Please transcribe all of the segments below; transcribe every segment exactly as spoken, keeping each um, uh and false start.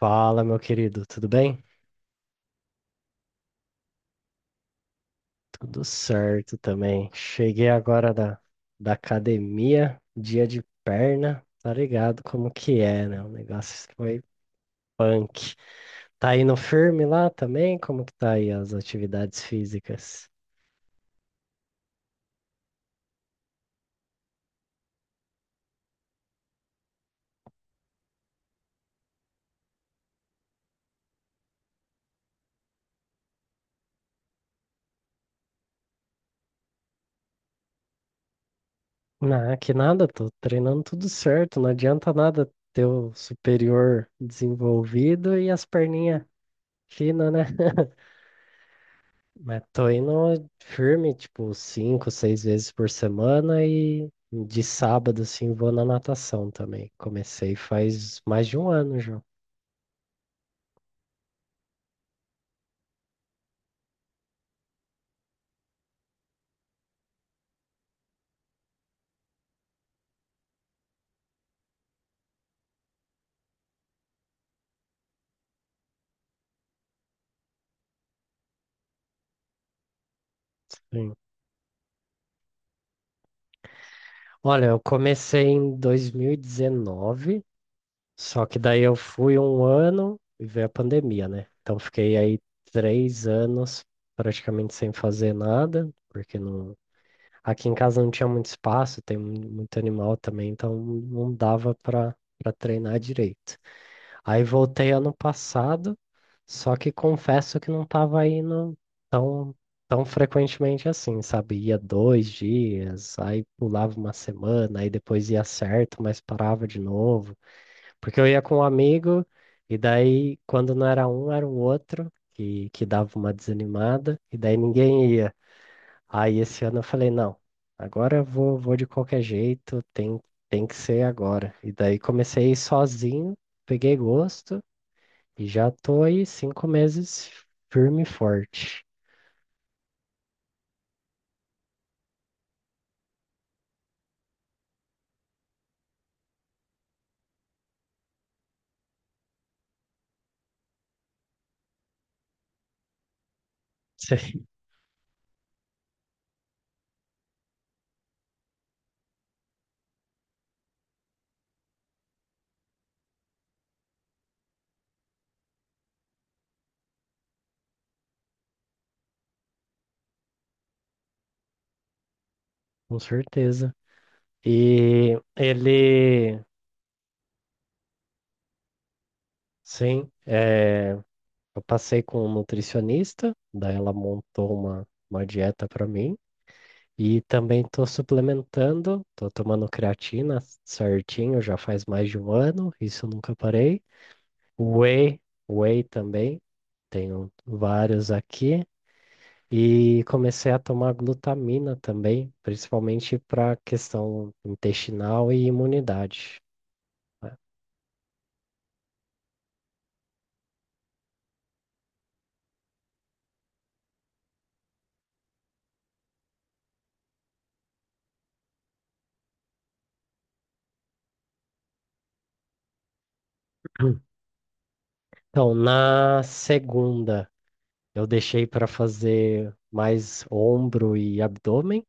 Fala, meu querido, tudo bem? Tudo certo também. Cheguei agora da, da academia, dia de perna, tá ligado como que é, né? O negócio foi punk. Tá indo firme lá também? Como que tá aí as atividades físicas? Ah, que nada, tô treinando tudo certo, não adianta nada ter o superior desenvolvido e as perninhas finas, né? Mas tô indo firme, tipo, cinco, seis vezes por semana e de sábado, assim, vou na natação também. Comecei faz mais de um ano já. Sim. Olha, eu comecei em dois mil e dezenove, só que daí eu fui um ano e veio a pandemia, né? Então fiquei aí três anos praticamente sem fazer nada, porque não, aqui em casa não tinha muito espaço, tem mu- muito animal também, então não dava para para treinar direito. Aí voltei ano passado, só que confesso que não estava indo tão, tão frequentemente assim, sabe? Ia dois dias, aí pulava uma semana, aí depois ia certo, mas parava de novo. Porque eu ia com um amigo, e daí quando não era um, era o outro, que, que dava uma desanimada, e daí ninguém ia. Aí esse ano eu falei, não, agora eu vou, vou de qualquer jeito, tem, tem que ser agora. E daí comecei a ir sozinho, peguei gosto e já tô aí cinco meses firme e forte. Sei. Com certeza. E ele, sim, é, eu passei com um nutricionista, daí ela montou uma, uma dieta para mim. E também tô suplementando, tô tomando creatina certinho, já faz mais de um ano, isso eu nunca parei. Whey, Whey também, tenho vários aqui. E comecei a tomar glutamina também, principalmente para questão intestinal e imunidade. Então, na segunda, eu deixei para fazer mais ombro e abdômen,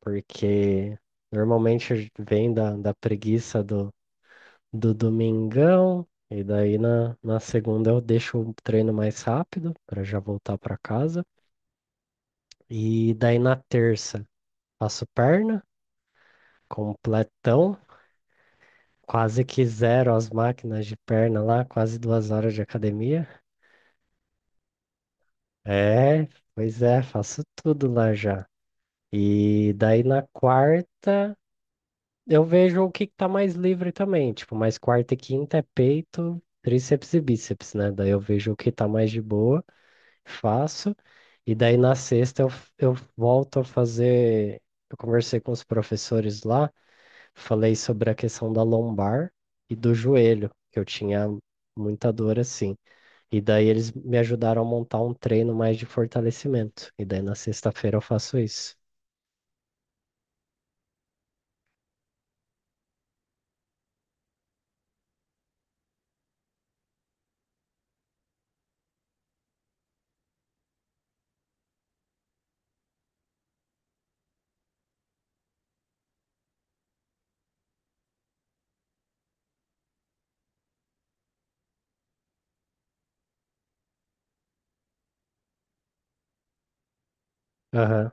porque normalmente vem da, da preguiça do, do domingão, e daí na, na segunda eu deixo o treino mais rápido para já voltar para casa. E daí na terça, faço perna, completão. Quase que zero as máquinas de perna lá, quase duas horas de academia. É, pois é, faço tudo lá já. E daí na quarta eu vejo o que que tá mais livre também. Tipo, mais quarta e quinta é peito, tríceps e bíceps, né? Daí eu vejo o que tá mais de boa, faço. E daí na sexta eu, eu volto a fazer. Eu conversei com os professores lá, falei sobre a questão da lombar e do joelho, que eu tinha muita dor assim. E daí eles me ajudaram a montar um treino mais de fortalecimento. E daí na sexta-feira eu faço isso. Aham.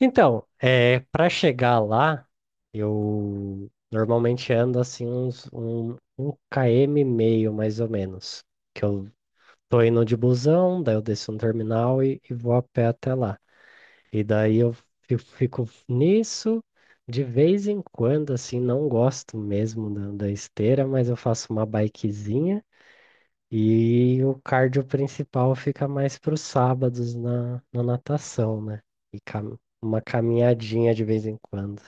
Então, é, para chegar lá, eu normalmente ando assim uns um, um quilômetro e meio mais ou menos. Que eu tô indo de busão, daí eu desço no terminal e, e vou a pé até lá. E daí eu fi- fico nisso. De vez em quando, assim, não gosto mesmo da, da esteira, mas eu faço uma bikezinha. E o cardio principal fica mais para os sábados na, na natação, né? E cam- uma caminhadinha de vez em quando.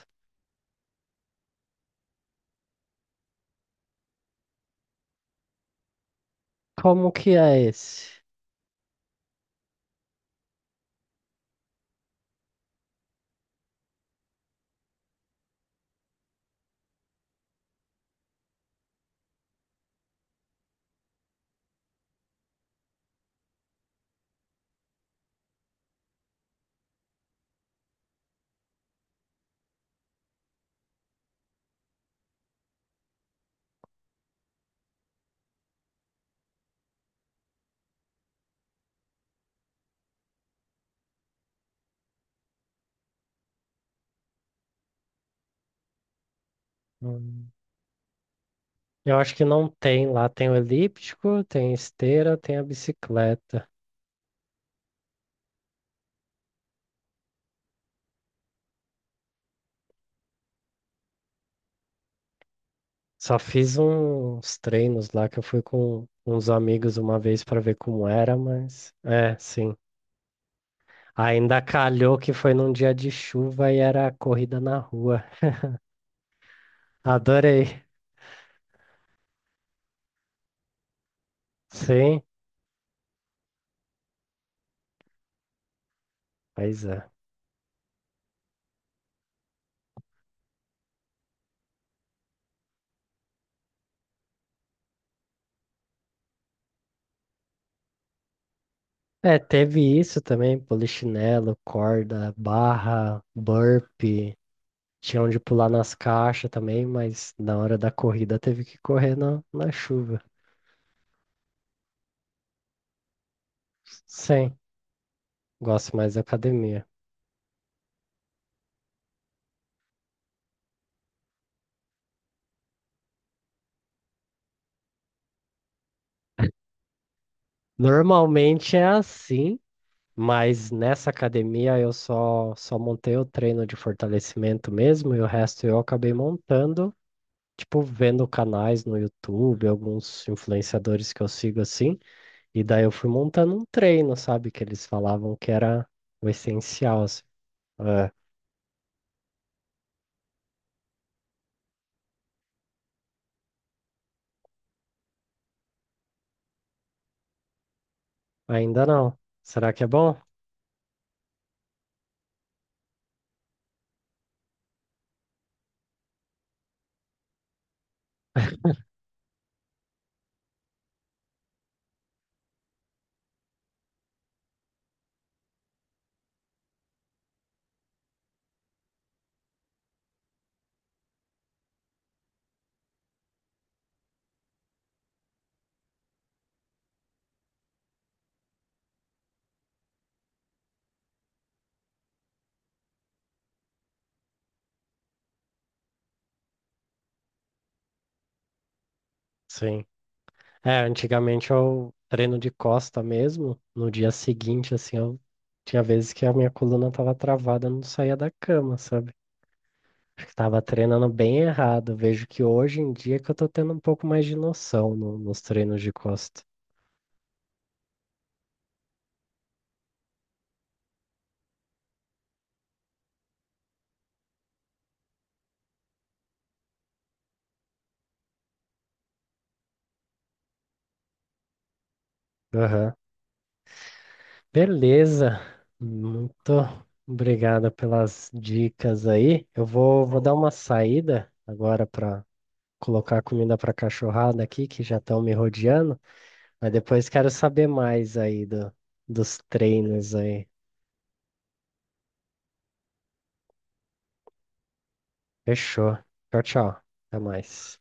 Como que é esse? Hum, Eu acho que não tem lá. Tem o elíptico, tem a esteira, tem a bicicleta. Só fiz uns treinos lá que eu fui com uns amigos uma vez para ver como era, mas é, sim. Ainda calhou que foi num dia de chuva e era corrida na rua. Adorei. Sim, pois é. É, teve isso também, polichinelo, corda, barra, burpee. Tinha onde pular nas caixas também, mas na hora da corrida teve que correr na, na chuva. Sim, gosto mais da academia. Normalmente é assim, mas nessa academia eu só, só montei o treino de fortalecimento mesmo e o resto eu acabei montando, tipo, vendo canais no YouTube, alguns influenciadores que eu sigo assim. E daí eu fui montando um treino, sabe? Que eles falavam que era o essencial, assim. É, ainda não. Será que é bom? Sim. É, antigamente eu treino de costa mesmo. No dia seguinte, assim, eu tinha vezes que a minha coluna tava travada, eu não saía da cama, sabe? Acho que tava treinando bem errado. Vejo que hoje em dia que eu tô tendo um pouco mais de noção no- nos treinos de costa. Aham. Beleza, muito obrigado pelas dicas aí. Eu vou, vou dar uma saída agora para colocar comida para cachorrada aqui, que já estão me rodeando, mas depois quero saber mais aí do, dos treinos aí. Fechou. Tchau, tchau. Até mais.